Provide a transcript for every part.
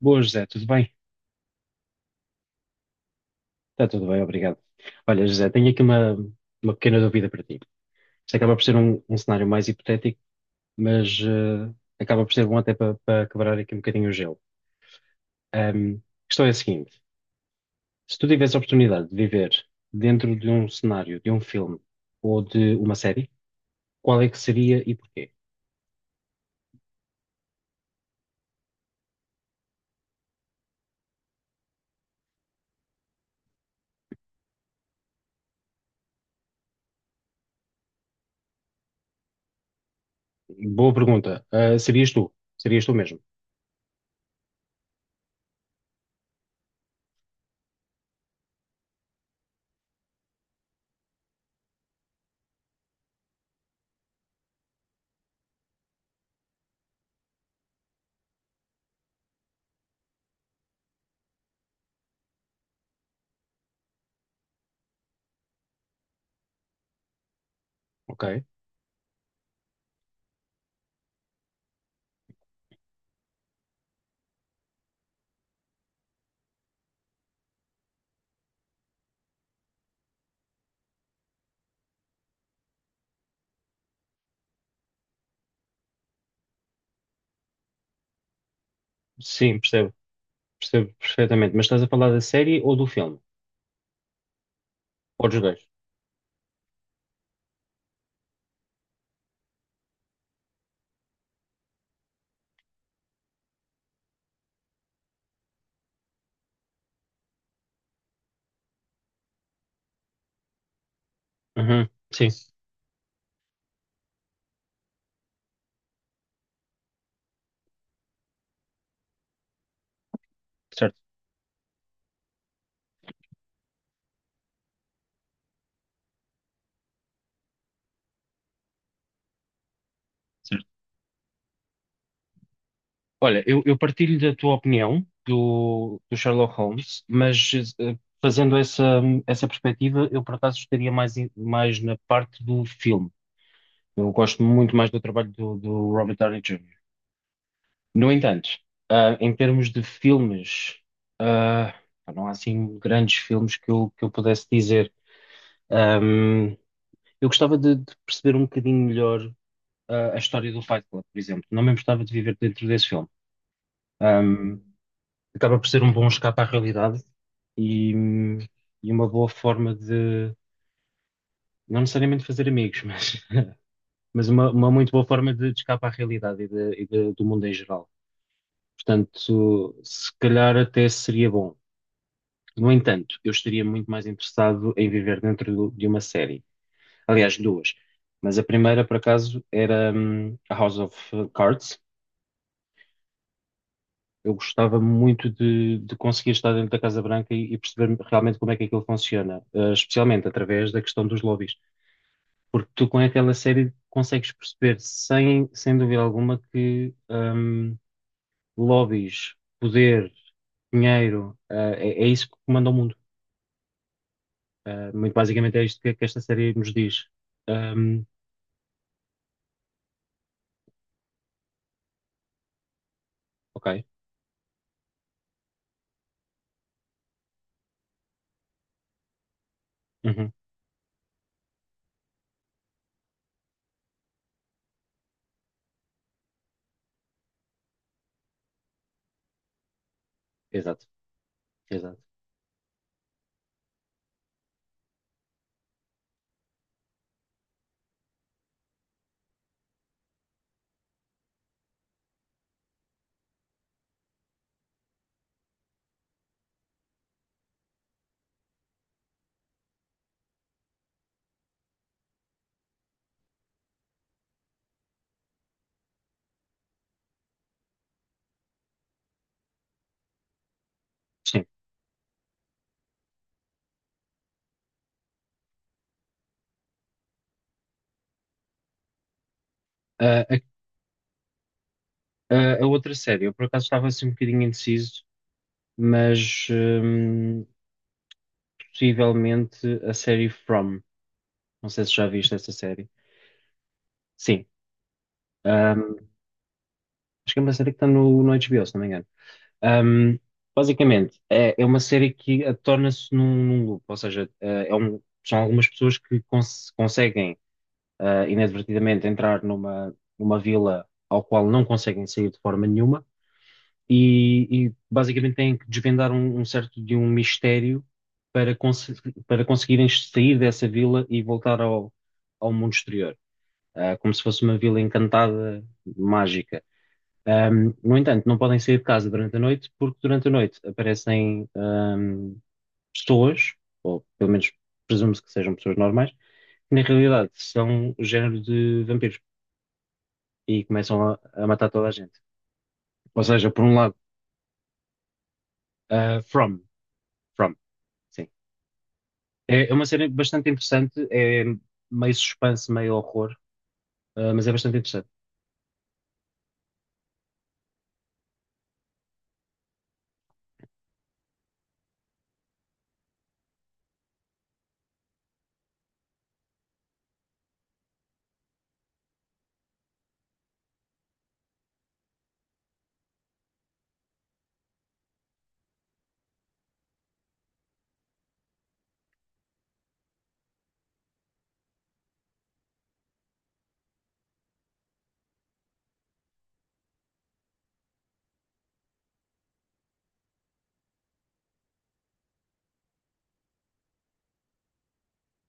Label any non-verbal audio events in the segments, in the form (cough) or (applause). Boa, José, tudo bem? Está tudo bem, obrigado. Olha, José, tenho aqui uma pequena dúvida para ti. Isto acaba por ser um cenário mais hipotético, mas acaba por ser bom até para quebrar aqui um bocadinho o gelo. Ahm, a questão é a seguinte: se tu tivesse a oportunidade de viver dentro de um cenário, de um filme ou de uma série, qual é que seria e porquê? Boa pergunta. Serias tu? Serias tu mesmo? Ok. Sim, percebo. Percebo perfeitamente. Mas estás a falar da série ou do filme? Ou dos dois? Uhum. Sim, certo. Certo. Olha, eu partilho da tua opinião do Sherlock Holmes, mas eh, fazendo essa perspectiva, eu por acaso estaria mais na parte do filme. Eu gosto muito mais do trabalho do Robert Downey Júnior No entanto, em termos de filmes, ah, não há assim grandes filmes que que eu pudesse dizer. Eu gostava de perceber um bocadinho melhor a história do Fight Club, por exemplo. Não me importava de viver dentro desse filme. Ahm, Acaba por ser um bom escape à realidade e, hum, e uma boa forma de, não necessariamente fazer amigos, mas, (laughs) mas uma muito boa forma de escape à realidade e do mundo em geral. Portanto, se calhar até seria bom. No entanto, eu estaria muito mais interessado em viver dentro de uma série. Aliás, duas. Mas a primeira, por acaso, era a House of Cards. Eu gostava muito de conseguir estar dentro da Casa Branca e perceber realmente como é que aquilo funciona, eh, especialmente através da questão dos lobbies, porque tu com aquela série consegues perceber sem dúvida alguma que lobbies, poder, dinheiro, eh, é, é isso que comanda o mundo. Eh, muito basicamente é isto que esta série nos diz. Hum, ok, uhum. Exato, exato. Sim. Ah, a, a outra série, eu por acaso estava assim um bocadinho indeciso, mas possivelmente a série From. Não sei se já viste essa série. Sim. Um, acho que é uma série que está no HBO, se não me engano. Um, basicamente, é, é uma série que torna-se num loop, ou seja, são algumas pessoas que conseguem inadvertidamente entrar numa vila ao qual não conseguem sair de forma nenhuma e basicamente têm que desvendar um certo de um mistério para, cons- para conseguirem sair dessa vila e voltar ao mundo exterior. Ah, como se fosse uma vila encantada, mágica. No entanto, não podem sair de casa durante a noite, porque durante a noite aparecem, pessoas, ou pelo menos presume-se que sejam pessoas normais, que na realidade são o género de vampiros e começam a matar toda a gente. Ou seja, por um lado, ah, From, From, sim. É, é uma série bastante interessante, é meio suspense, meio horror, mas é bastante interessante.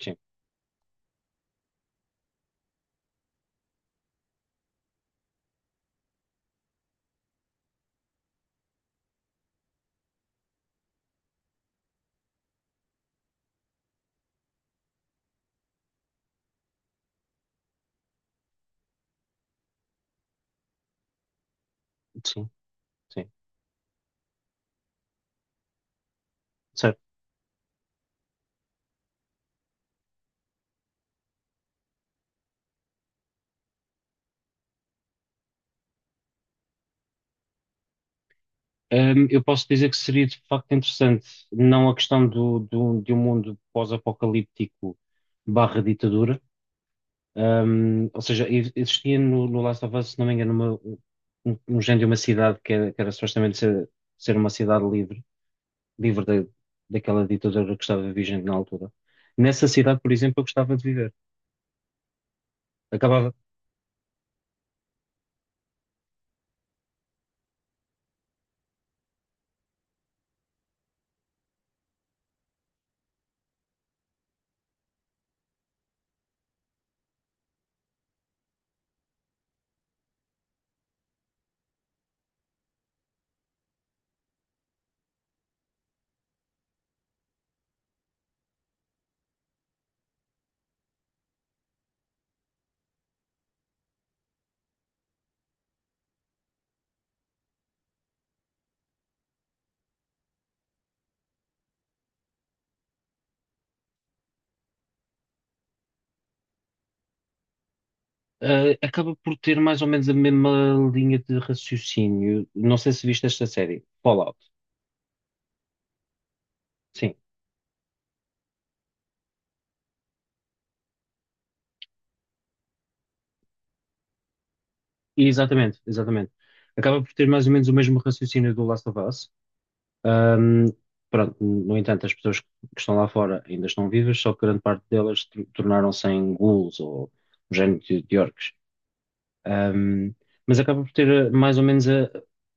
Sim, sim, sim. Eu posso dizer que seria de facto interessante, não a questão de um mundo pós-apocalíptico barra ditadura. Ou seja, existia no Last of Us, se não me engano, um género de uma cidade que era supostamente ser uma cidade livre, livre da daquela ditadura que estava vigente na altura. Nessa cidade, por exemplo, eu gostava de viver. Acabava, acaba por ter mais ou menos a mesma linha de raciocínio. Não sei se viste esta série, Fallout. Sim. Exatamente, exatamente. Acaba por ter mais ou menos o mesmo raciocínio do Last of Us. Ahm, Pronto, no entanto, as pessoas que estão lá fora ainda estão vivas, só que grande parte delas tornaram-se em ghouls ou um género de orcs. Ahm, mas acaba por ter mais ou menos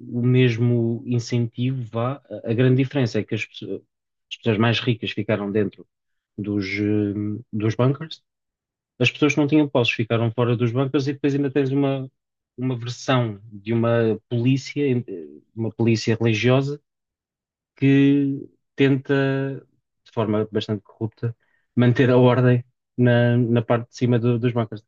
o mesmo incentivo, vá. A grande diferença é que as pessoas mais ricas ficaram dentro dos bunkers, as pessoas que não tinham posses ficaram fora dos bancos e depois ainda tens uma versão de uma polícia religiosa, que tenta, de forma bastante corrupta, manter a ordem na parte de cima dos bancos.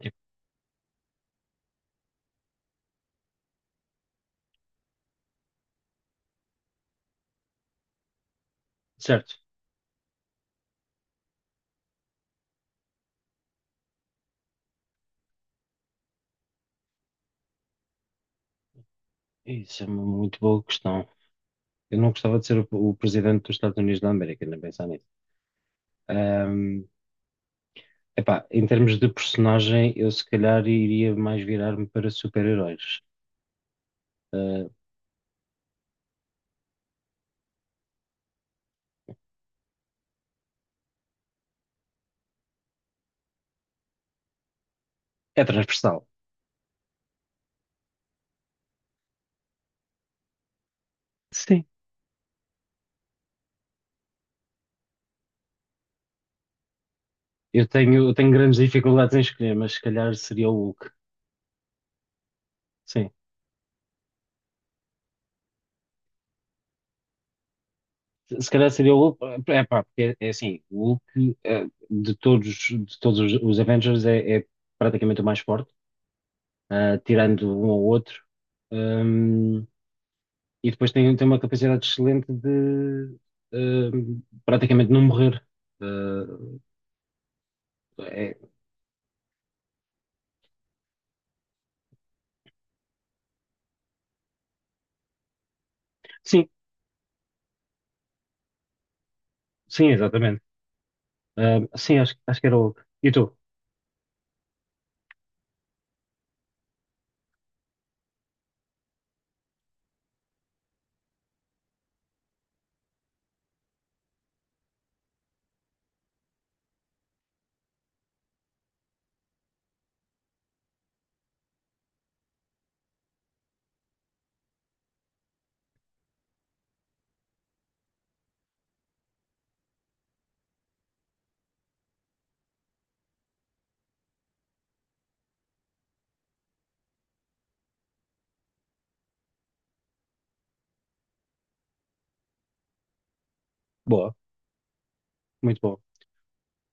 É, certo, isso é uma muito boa questão. Eu não gostava de ser o presidente dos Estados Unidos da América, nem pensar nisso. Ahm, Epá, em termos de personagem, eu se calhar iria mais virar-me para super-heróis. Ah, é transversal. Sim. Eu tenho grandes dificuldades em escolher, mas se calhar seria o Hulk. Sim. Se calhar seria o Hulk. É pá, porque é, é assim, o Hulk de todos os Avengers é, é praticamente o mais forte, tirando um ou outro. Ahm, e depois tem, tem uma capacidade excelente de praticamente não morrer. Ah, é- sim, sim, exatamente. Sim, acho, acho que era o Hulk. E tu? Boa, muito boa.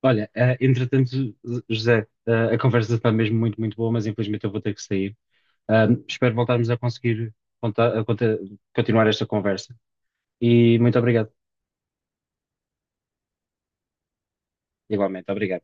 Olha, entretanto, José, a conversa está mesmo muito, muito boa, mas infelizmente eu vou ter que sair. Espero voltarmos a conseguir contar- a conta- continuar esta conversa. E muito obrigado. Igualmente, obrigado.